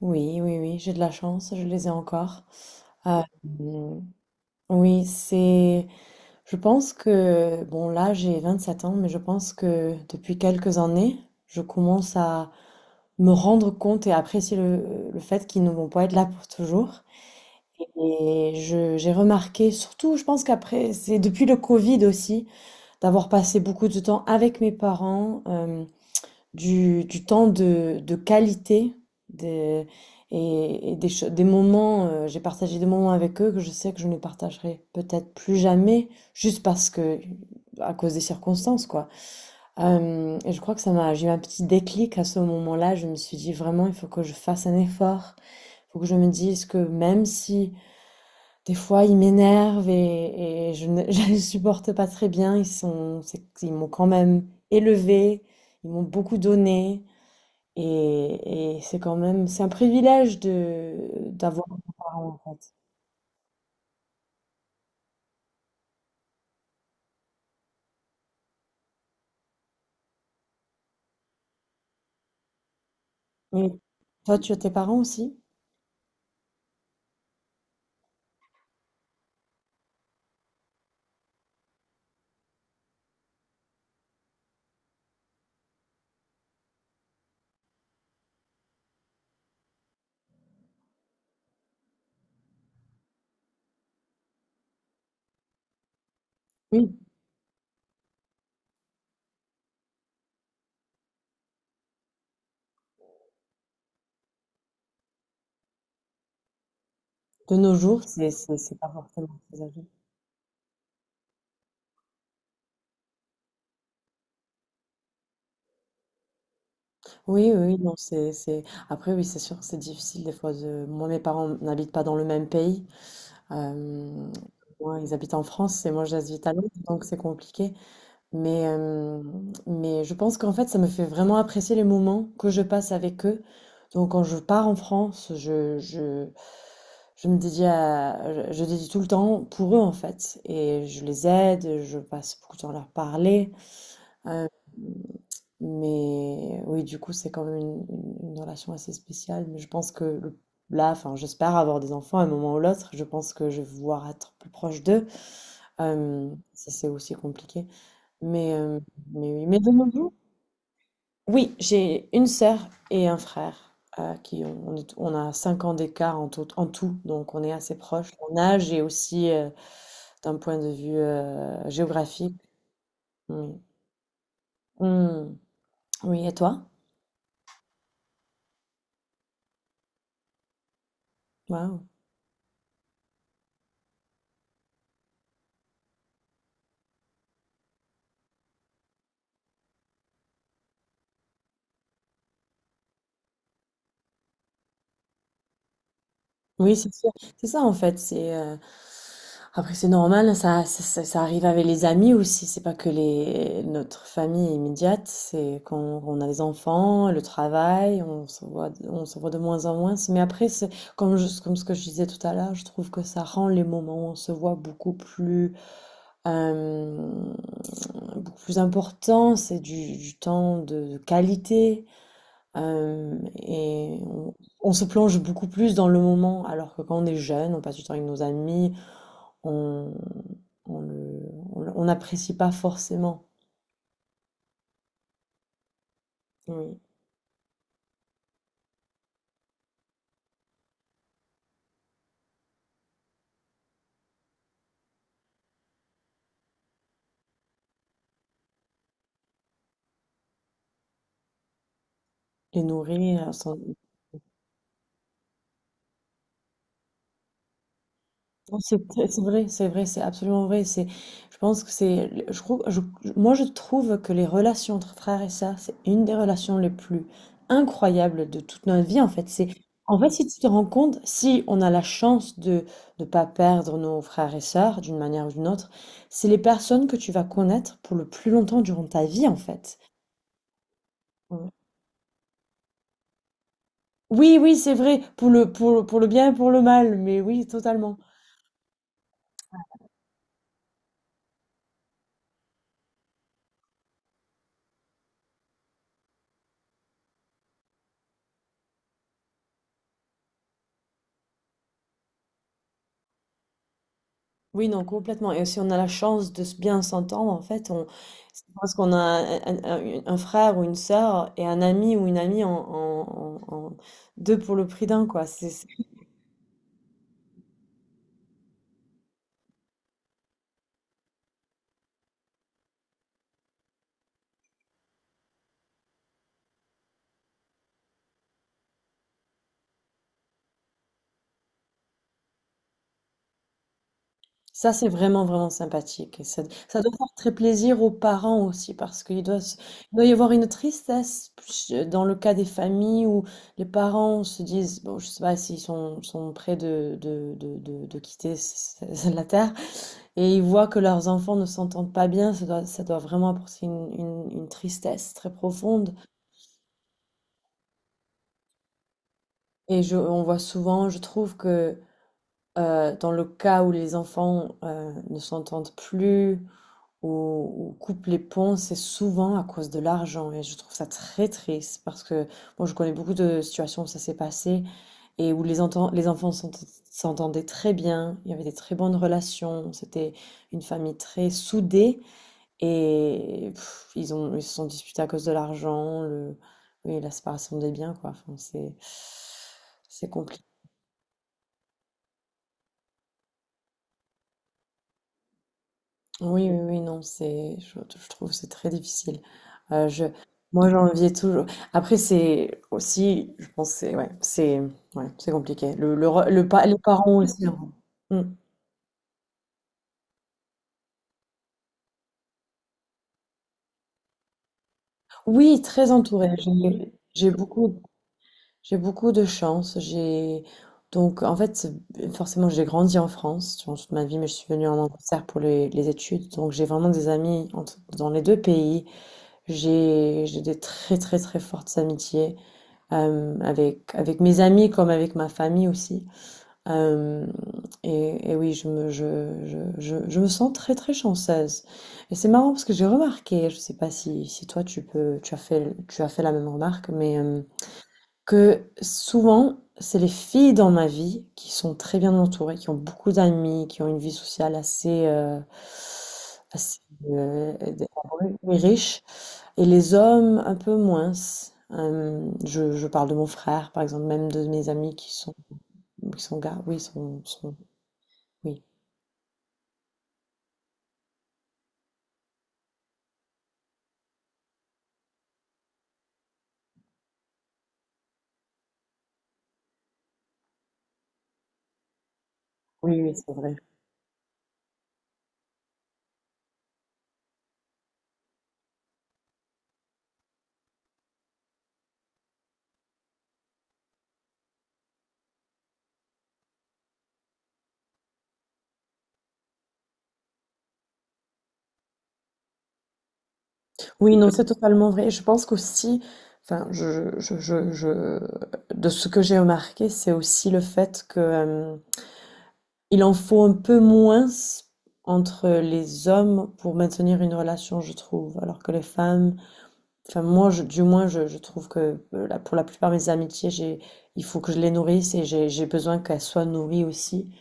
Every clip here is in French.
Oui, oui, oui, j'ai de la chance, je les ai encore. Euh, oui, c'est. Je pense que. Bon, là, j'ai 27 ans, mais je pense que depuis quelques années, je commence à me rendre compte et apprécier le fait qu'ils ne vont pas être là pour toujours. Et j'ai remarqué, surtout, je pense qu'après, c'est depuis le Covid aussi, d'avoir passé beaucoup de temps avec mes parents. Du temps de qualité des, et des, des moments, j'ai partagé des moments avec eux que je sais que je ne partagerai peut-être plus jamais, juste parce que, à cause des circonstances, quoi. Et je crois que j'ai eu un petit déclic à ce moment-là, je me suis dit vraiment, il faut que je fasse un effort, il faut que je me dise que même si des fois ils m'énervent et je ne je les supporte pas très bien, ils sont, ils m'ont quand même élevé, ils m'ont beaucoup donné. Et c'est quand même, c'est un privilège de d'avoir des parents en fait. Oui. Toi, tu as tes parents aussi? Oui. De nos jours, c'est pas forcément très agréable. Oui, oui, oui, non, c'est. Après, oui, c'est sûr, que c'est difficile des fois de. Moi, mes parents n'habitent pas dans le même pays. Euh, Moi, ils habitent en France et moi, j'habite à Londres, donc c'est compliqué. Mais, euh, mais je pense qu'en fait, ça me fait vraiment apprécier les moments que je passe avec eux. Donc, quand je pars en France, je me dédie à, je dédie tout le temps pour eux, en fait. Et je les aide, je passe beaucoup de temps à leur parler. Mais oui, du coup, c'est quand même une relation assez spéciale. Mais je pense que là, enfin, j'espère avoir des enfants à un moment ou l'autre. Je pense que je vais vouloir être plus proche d'eux. Euh, Ça, c'est aussi compliqué. Mais, euh, mais oui, mais de nos jours. Oui, j'ai une sœur et un frère qui ont, on a 5 ans d'écart en tout, donc on est assez proches en âge et aussi d'un point de vue géographique. Oui. Hmm. Oui, et toi? Waouh. Oui, c'est sûr. C'est ça en fait. C'est après c'est normal. Ça arrive avec les amis aussi. C'est pas que les notre famille immédiate. C'est quand on a les enfants, le travail, on se voit de moins en moins. Mais après, c'est comme comme ce que je disais tout à l'heure, je trouve que ça rend les moments où on se voit euh, beaucoup plus importants. C'est du temps de qualité. Et on se plonge beaucoup plus dans le moment, alors que quand on est jeune, on passe du temps avec nos amis, on, on, le- on n'apprécie pas forcément. Oui. Les nourrir. Non, c'est c'est vrai, c'est absolument vrai. C'est, je pense que c'est, moi je trouve que les relations entre frères et sœurs, c'est une des relations les plus incroyables de toute notre vie en fait. C'est, en fait, si tu te rends compte, si on a la chance de ne pas perdre nos frères et sœurs d'une manière ou d'une autre, c'est les personnes que tu vas connaître pour le plus longtemps durant ta vie en fait. Ouais. Oui, oui, c'est vrai, pour le bien et pour le mal, mais oui, totalement. Oui, non, complètement. Et si on a la chance de bien s'entendre, en fait, on, c'est parce qu'on a frère ou une sœur et un ami ou une amie deux pour le prix d'un, quoi. Ça, c'est vraiment, vraiment sympathique. Et ça doit faire très plaisir aux parents aussi, parce qu'il doit, il doit y avoir une tristesse dans le cas des familles où les parents se disent, bon, je sais pas s'ils sont, sont près de quitter la terre, et ils voient que leurs enfants ne s'entendent pas bien, ça doit vraiment apporter une tristesse très profonde. Et je je trouve que, dans le cas où les enfants, ne s'entendent plus ou coupent les ponts, c'est souvent à cause de l'argent et je trouve ça très triste parce que bon, je connais beaucoup de situations où ça s'est passé et où les enfants s'entendaient très bien, il y avait des très bonnes relations, c'était une famille très soudée. Et pff, ils se sont disputés à cause de l'argent, le oui, la séparation des biens, quoi. Enfin, c'est compliqué. Oui, oui, oui, non, c'est je trouve que c'est très difficile. Je Moi j'enviais toujours. Après c'est aussi je pense que c'est ouais, c'est ouais, c'est compliqué. Le, re- le pa- Les parents aussi, hein. Mm. Oui, très entourée. J'ai beaucoup de chance. J'ai donc en fait forcément j'ai grandi en France durant toute ma vie, mais je suis venue en Angleterre pour les études. Donc j'ai vraiment des amis dans les deux pays. J'ai des très fortes amitiés avec mes amis comme avec ma famille aussi. Euh, et oui, je me sens très très chanceuse. Et c'est marrant parce que j'ai remarqué, je sais pas si si toi tu peux tu as fait la même remarque, mais que souvent, c'est les filles dans ma vie qui sont très bien entourées, qui ont beaucoup d'amis, qui ont une vie sociale assez, assez, heu, et riche et les hommes un peu moins. Hem, Je parle de mon frère, par exemple, même de mes amis qui sont gars, oui, sont sont oui. Oui, oui, c'est vrai. Oui, non, c'est totalement vrai. Je pense qu'aussi, enfin, je de ce que j'ai remarqué, c'est aussi le fait que, hem il en faut un peu moins entre les hommes pour maintenir une relation, je trouve. Alors que les femmes, enfin moi, du moins, je trouve que pour la plupart de mes amitiés, j'ai, il faut que je les nourrisse et j'ai besoin qu'elles soient nourries aussi.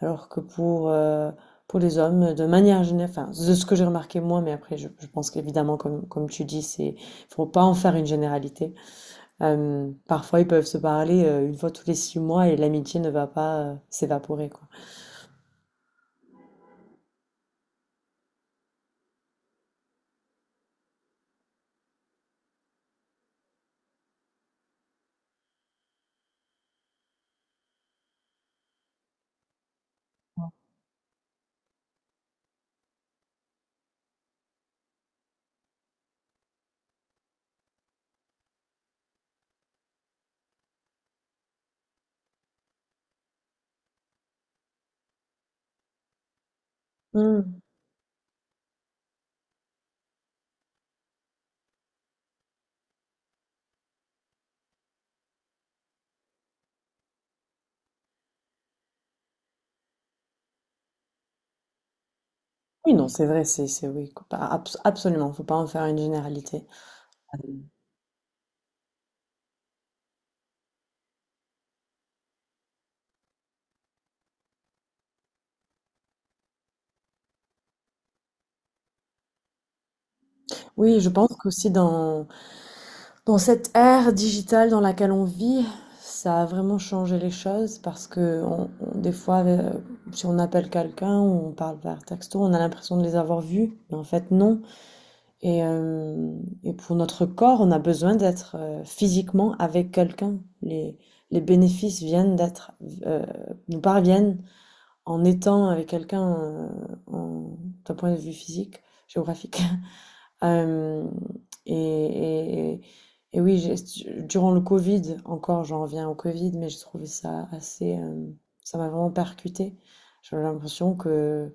Alors que pour les hommes, de manière générale, enfin, de ce que j'ai remarqué moi, mais après, je pense qu'évidemment, comme tu dis, c'est, faut pas en faire une généralité. Parfois, ils peuvent se parler une fois tous les 6 mois et l'amitié ne va pas s'évaporer, quoi. Mm. Oui, non, c'est vrai, c'est, oui, absolument, faut pas en faire une généralité. Oui, je pense qu'aussi dans, dans cette ère digitale dans laquelle on vit, ça a vraiment changé les choses parce que des fois, si on appelle quelqu'un, ou on parle par texto, on a l'impression de les avoir vus, mais en fait, non. Et, euh, et pour notre corps, on a besoin d'être physiquement avec quelqu'un. Les bénéfices euh, nous parviennent en étant avec quelqu'un, en d'un point de vue physique, géographique. Hem et et et oui, j'ai durant le covid, encore j'en reviens au covid, mais j'ai trouvé ça assez, ça m'a vraiment percuté. J'avais l'impression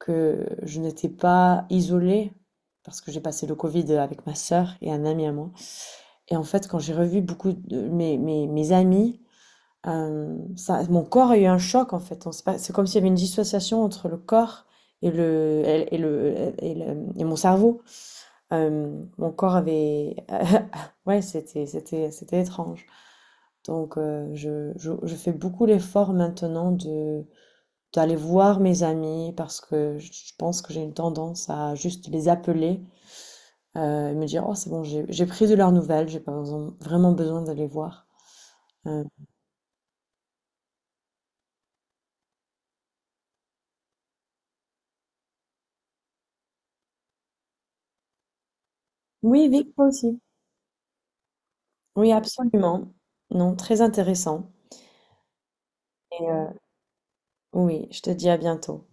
que je n'étais pas isolée parce que j'ai passé le covid avec ma sœur et un ami à moi et en fait, quand j'ai revu beaucoup de mes amis, ça, mon corps a eu un choc en fait. On sait pas. C'est comme s'il y avait une dissociation entre le corps et mon cerveau. Mon corps avait ouais, c'était étrange. Donc je fais beaucoup l'effort maintenant de d'aller voir mes amis parce que je pense que j'ai une tendance à juste les appeler et me dire oh c'est bon j'ai pris de leurs nouvelles, j'ai pas besoin- vraiment besoin d'aller voir. Euh, oui, Vic, toi aussi. Oui, absolument. Non, très intéressant. Et euh, oui, je te dis à bientôt.